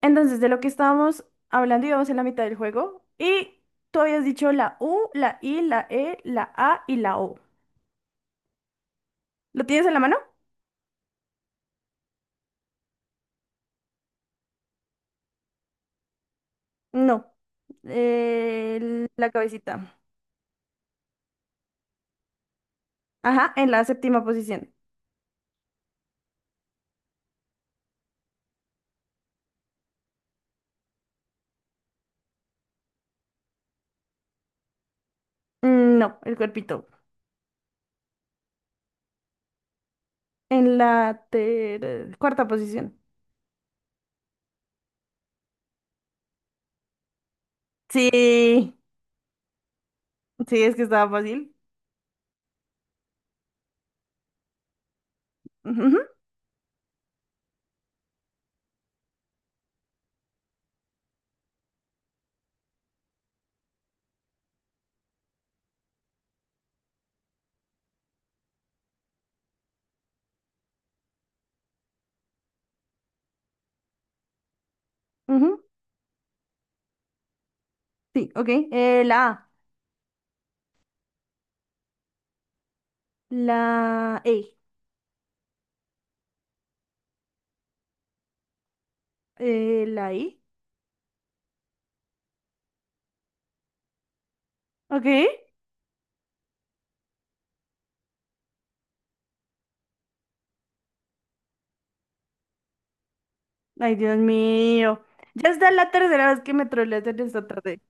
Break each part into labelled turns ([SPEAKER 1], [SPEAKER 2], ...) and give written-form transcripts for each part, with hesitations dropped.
[SPEAKER 1] Entonces, de lo que estábamos hablando, íbamos en la mitad del juego y tú habías dicho la U, la I, la E, la A y la O. ¿Lo tienes en la mano? No. La cabecita. Ajá, en la séptima posición. No, el cuerpito. En la cuarta posición. Sí, sí, es que estaba fácil. Ujú, ujú, sí, ok. La A, la E, la I. Ok. Ay, Dios mío. Ya está la tercera vez que me troleas en esta tarde.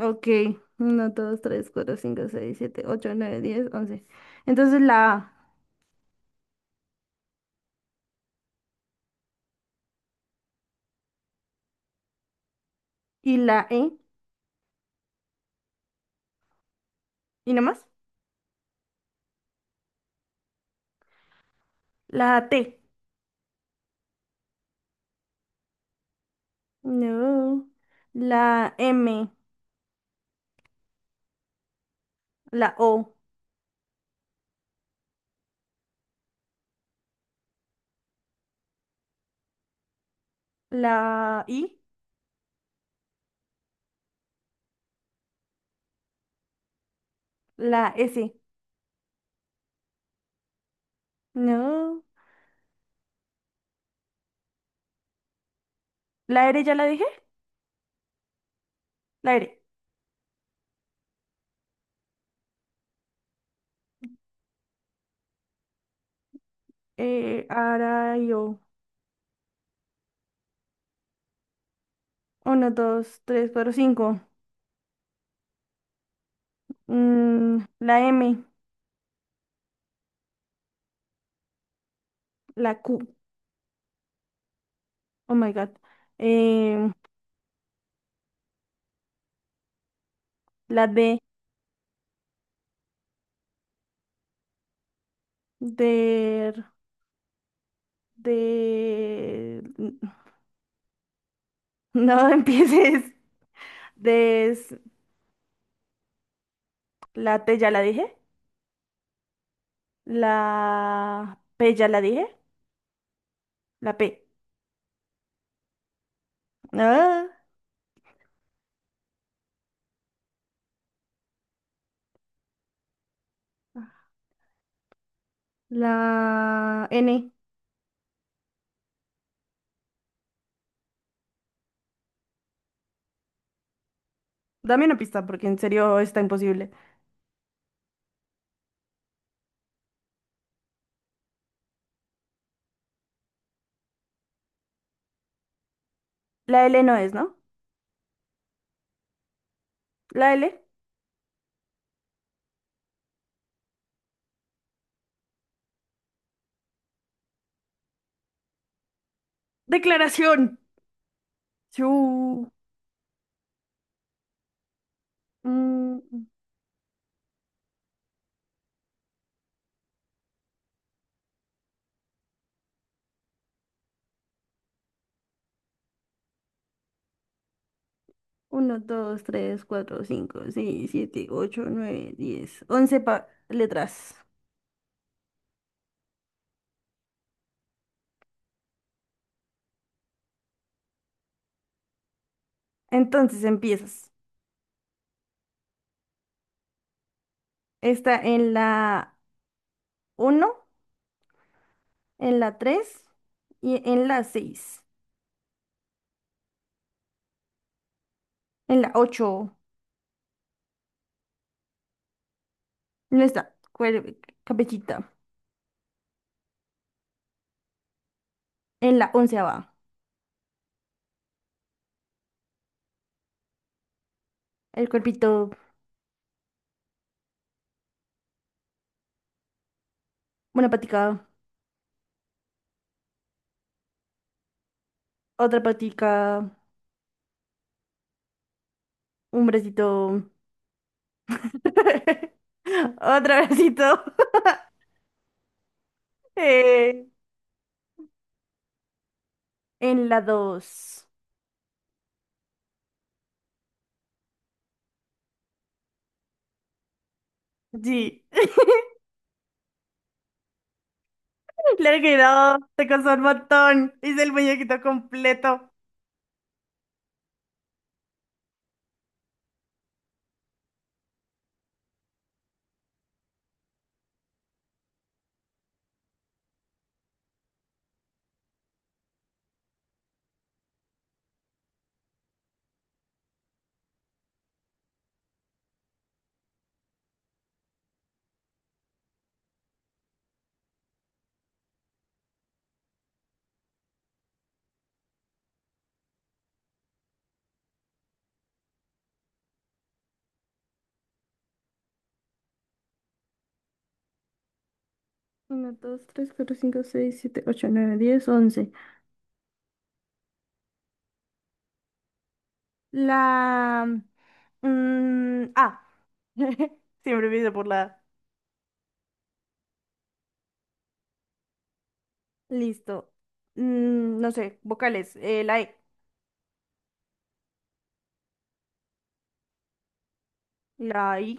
[SPEAKER 1] Ok. Uno, dos, tres, cuatro, cinco, seis, siete, ocho, nueve, diez, once. Entonces la A y la E. ¿Y nada más? La T. No. La M. La O. La I. La S. No. ¿La R ya la dije? La R. Ahora yo. Uno, 2, 3, 4, cinco. La M. La Q. Oh my God. Em, La D de... de... No empieces. De... La T ya la dije. La P ya la dije. La P. Ah, la N. Dame una pista porque en serio está imposible. La L no es, ¿no? La L. Declaración. Chu. Mm, Uno, dos, tres, cuatro, cinco, seis, siete, ocho, nueve, diez. Once letras. Entonces empiezas. Está en la uno, en la 3 y en la seis. En la 8 no está, cabecita. En la 11 va. El cuerpito, una patica, otra patica, un bracito, otro bracito. eh, en la dos. Sí, le he quedó, te costó un montón. Hice el muñequito completo. Uno, dos, tres, cuatro, cinco, seis, siete, ocho, nueve, diez, once. La Mm, ah, siempre empiezo por la A. Listo. No sé, vocales. La E, la I,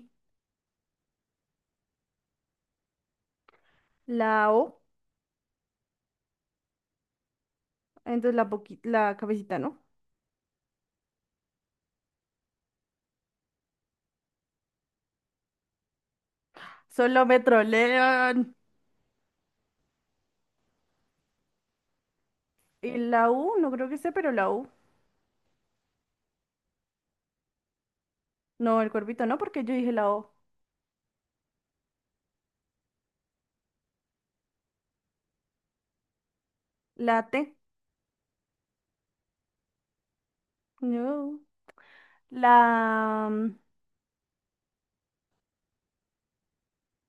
[SPEAKER 1] la O. Entonces la cabecita, ¿no? Solo me trolean. Y la U, no creo que sea, pero la U. No, el cuerpito no, porque yo dije la O. La T, no. La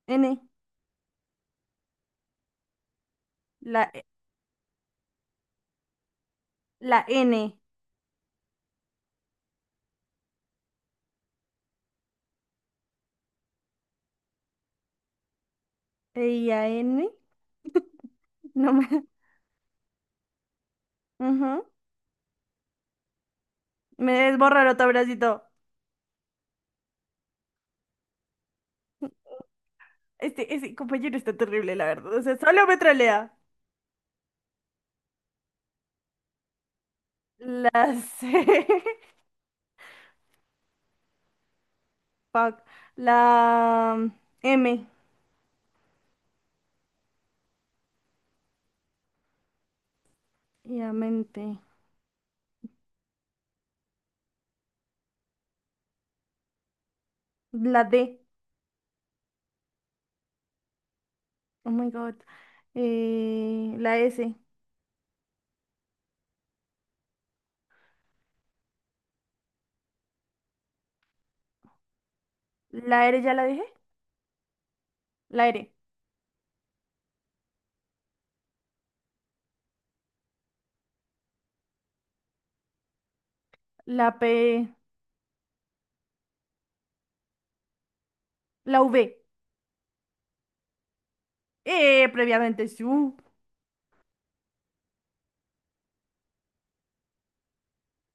[SPEAKER 1] N, la, E- la N. E, I, A, N. No me. Ujú. Me desborra el otro bracito. Este, ese compañero está terrible, la verdad. O sea, solo me trolea. La C. Fuck. La M. Obviamente. La D. Oh my God. La S. La R ya la dejé. La R. La P. La V. Previamente su.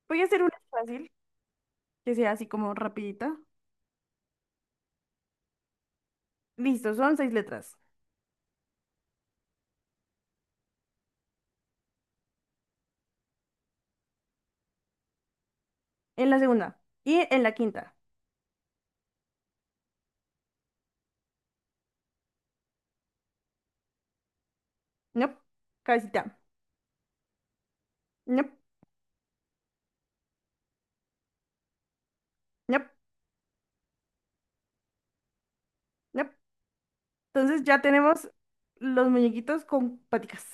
[SPEAKER 1] Voy a hacer una fácil, que sea así como rapidita. Listo, son seis letras. En la segunda. Y en la quinta. Nope. Cabecita. Nope. Nope. Nope. Entonces ya tenemos los muñequitos con paticas.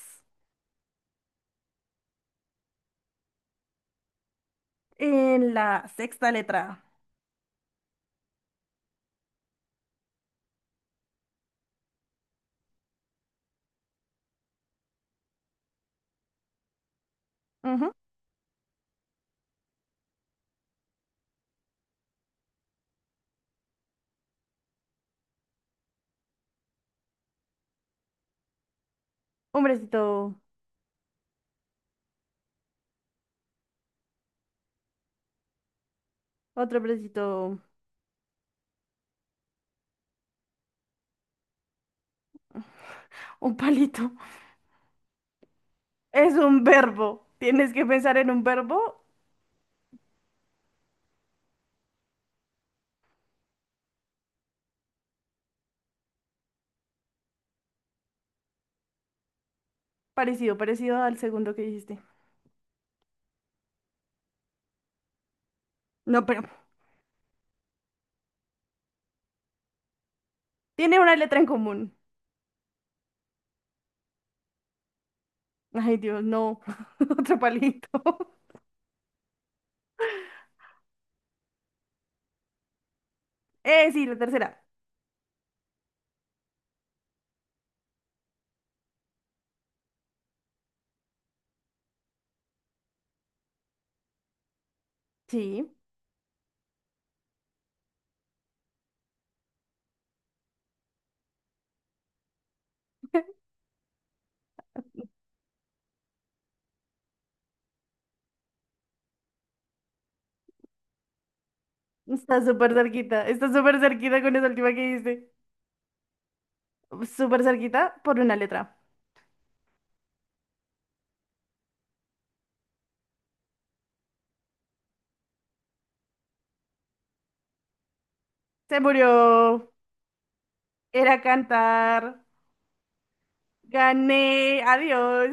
[SPEAKER 1] En la sexta letra. Ujú. Un bracito, otro bracito, un palito. Es un verbo. Tienes que pensar en un verbo parecido, parecido al segundo que dijiste. No, pero tiene una letra en común. Ay, Dios, no. Otro palito. Sí, la tercera. Sí. Está súper cerquita. Está súper cerquita con esa última que dijiste. Súper cerquita por una letra. Se murió. Era cantar. Gané. Adiós.